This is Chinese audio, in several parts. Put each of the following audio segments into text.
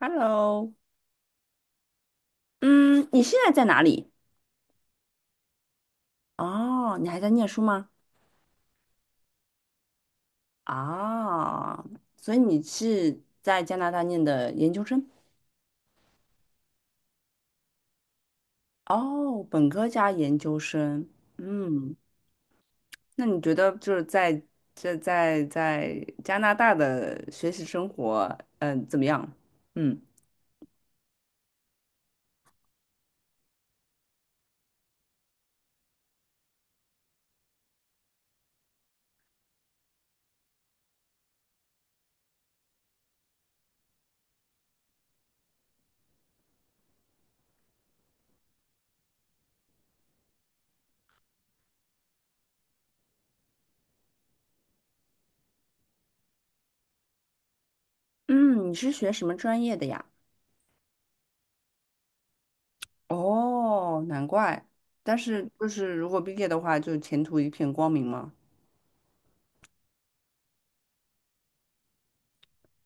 Hello，嗯，你现在在哪里？哦，你还在念书吗？啊，所以你是在加拿大念的研究生？哦，本科加研究生。嗯，那你觉得就是在加拿大的学习生活，怎么样？嗯嗯，你是学什么专业的呀？哦，难怪。但是就是如果毕业的话，就前途一片光明嘛。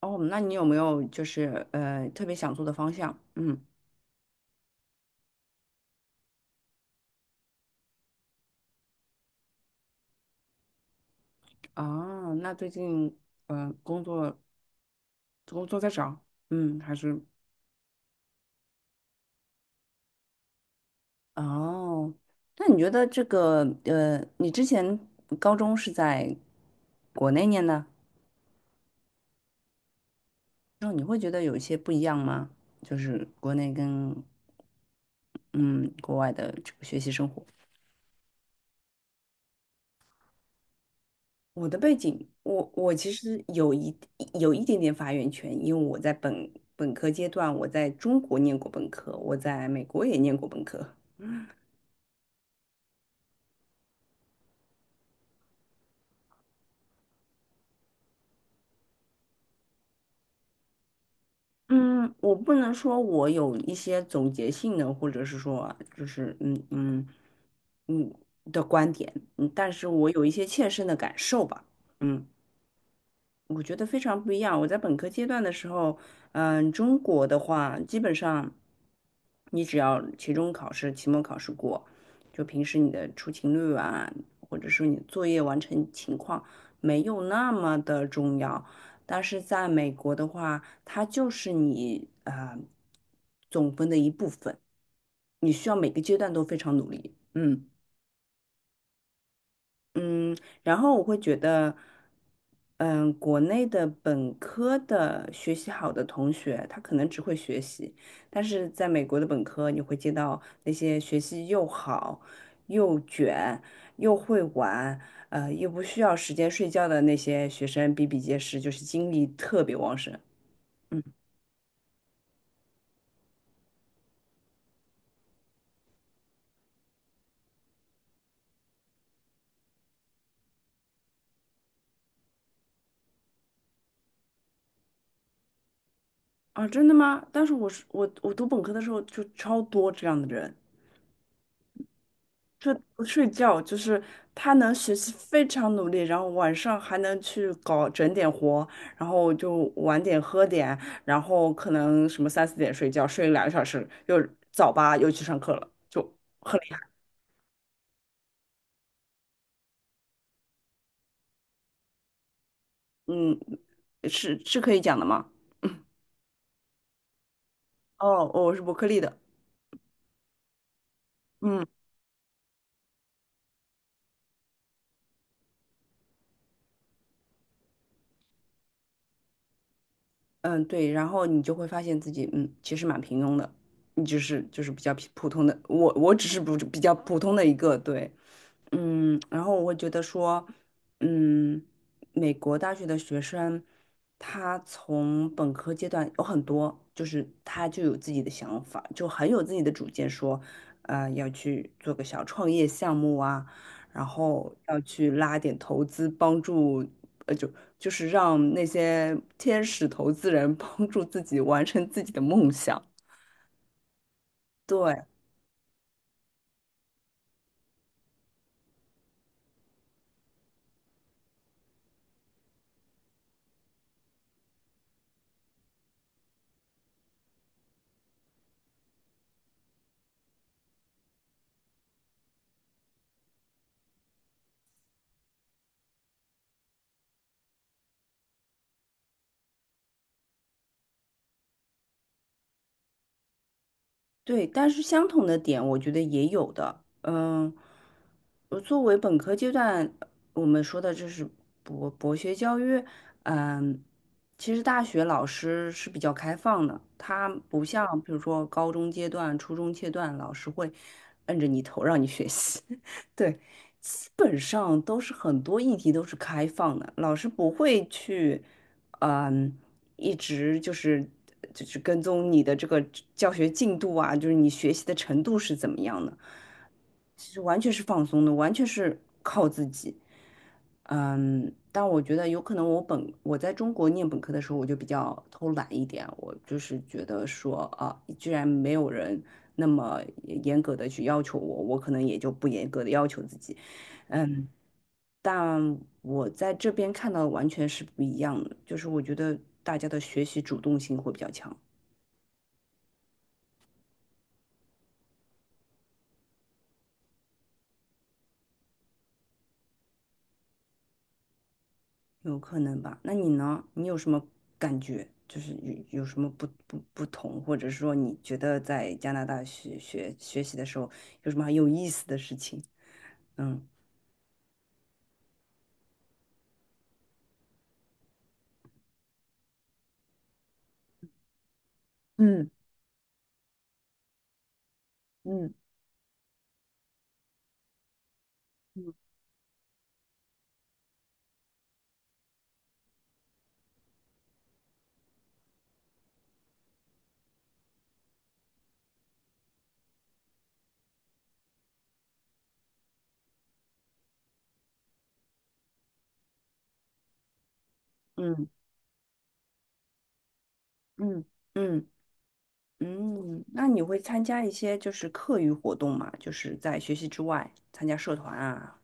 哦，那你有没有就是特别想做的方向？嗯，啊，那最近呃工作工作在找，还是。哦，那你觉得这个你之前高中是在国内念的，那你会觉得有一些不一样吗？就是国内跟嗯国外的这个学习生活。我的背景，我其实有一点点发言权，因为我在本科阶段，我在中国念过本科，我在美国也念过本科。嗯，我不能说我有一些总结性的，或者是说就是嗯的观点，嗯，但是我有一些切身的感受吧。嗯。我觉得非常不一样。我在本科阶段的时候，中国的话，基本上你只要期中考试、期末考试过，就平时你的出勤率啊，或者说你作业完成情况没有那么的重要。但是在美国的话，它就是你啊总分的一部分，你需要每个阶段都非常努力。嗯。嗯，然后我会觉得，嗯，国内的本科的学习好的同学，他可能只会学习，但是在美国的本科，你会接到那些学习又好、又卷、又会玩，又不需要时间睡觉的那些学生比比皆是，就是精力特别旺盛。嗯。啊，真的吗？但是我读本科的时候就超多这样的人。就不睡觉，就是他能学习非常努力，然后晚上还能去搞整点活，然后就晚点喝点，然后可能什么三四点睡觉，睡2个小时，又早八又去上课了，就很厉害。嗯，是是可以讲的吗？哦，我是伯克利的。嗯。嗯，对，然后你就会发现自己，嗯，其实蛮平庸的，你只是就是比较普普通的，我我只是不比较普通的一个，对。嗯，然后我会觉得说，嗯，美国大学的学生，他从本科阶段有很多，就是他就有自己的想法，就很有自己的主见，说，要去做个小创业项目啊，然后要去拉点投资，帮助，呃，就就是让那些天使投资人 帮助自己完成自己的梦想。对。对，但是相同的点，我觉得也有的。嗯。作为本科阶段，我们说的这是博学教育。嗯，其实大学老师是比较开放的，他不像比如说高中阶段、初中阶段，老师会摁着你头让你学习。对，基本上都是很多议题都是开放的，老师不会去。嗯。一直就是跟踪你的这个教学进度啊，就是你学习的程度是怎么样的。其实完全是放松的，完全是靠自己。但我觉得有可能我在中国念本科的时候，我就比较偷懒一点，我就是觉得说啊，居然没有人那么严格的去要求我，我可能也就不严格的要求自己。嗯，但我在这边看到的完全是不一样的，就是我觉得大家的学习主动性会比较强。有可能吧？那你呢？你有什么感觉？就是有什么不同，或者说你觉得在加拿大学习的时候有什么很有意思的事情？嗯嗯嗯嗯嗯嗯嗯。那你会参加一些就是课余活动嘛，就是在学习之外参加社团啊？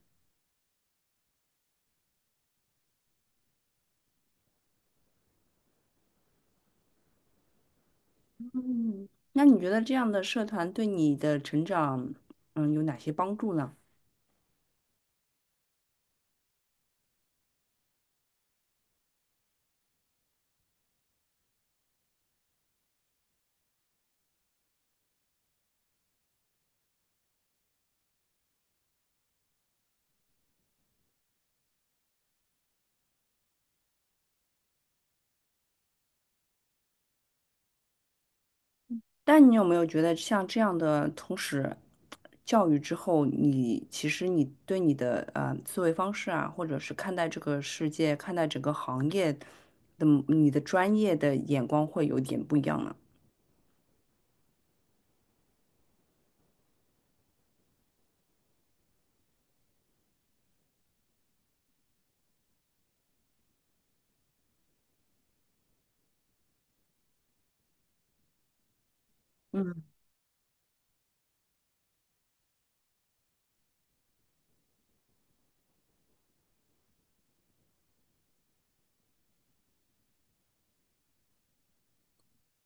嗯，那你觉得这样的社团对你的成长，有哪些帮助呢？但你有没有觉得像这样的从始教育之后，你其实你对你的思维方式啊，或者是看待这个世界、看待整个行业的你的专业的眼光会有点不一样呢？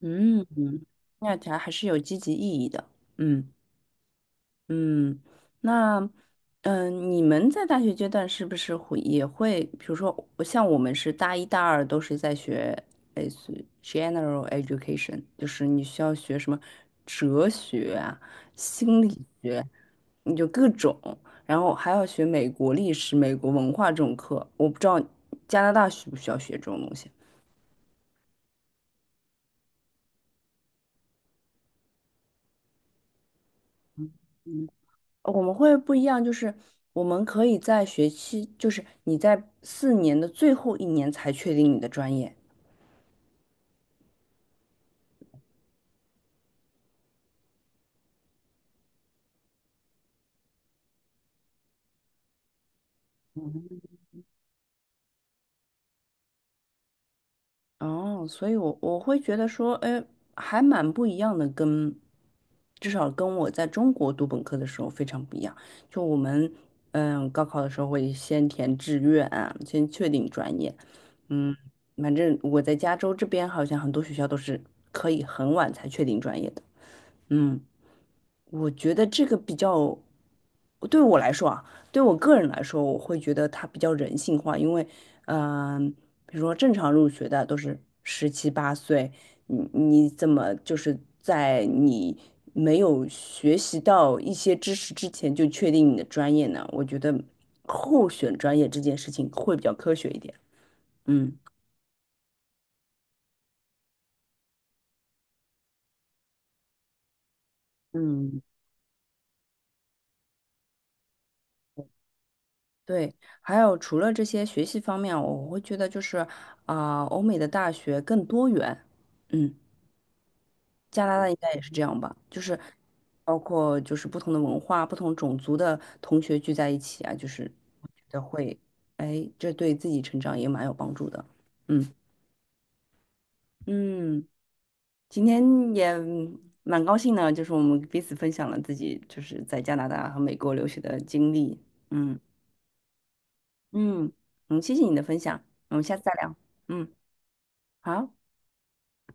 嗯，那它还是有积极意义的。嗯。嗯，那，你们在大学阶段是不是会也会，比如说，像我们是大一、大二都是在学类似于 general education，就是你需要学什么哲学啊、心理学，你就各种，然后还要学美国历史、美国文化这种课。我不知道加拿大需不需要学这种东西。我们会不一样，就是我们可以在学期，就是你在4年的最后一年才确定你的专业。哦，所以我我会觉得说，哎，还蛮不一样的跟，至少跟我在中国读本科的时候非常不一样。就我们，高考的时候会先填志愿啊，先确定专业。嗯，反正我在加州这边好像很多学校都是可以很晚才确定专业的。嗯，我觉得这个比较，对我来说啊，对我个人来说，我会觉得它比较人性化，因为，嗯、比如说正常入学的都是十七八岁，你你怎么就是在你没有学习到一些知识之前就确定你的专业呢？我觉得候选专业这件事情会比较科学一点。嗯嗯，对，还有除了这些学习方面，我会觉得就是啊、欧美的大学更多元。嗯，加拿大应该也是这样吧，就是包括就是不同的文化、不同种族的同学聚在一起啊，就是我觉得会，哎，这对自己成长也蛮有帮助的。嗯嗯，今天也蛮高兴的，就是我们彼此分享了自己就是在加拿大和美国留学的经历。嗯嗯嗯，谢谢你的分享，我们下次再聊。嗯。好，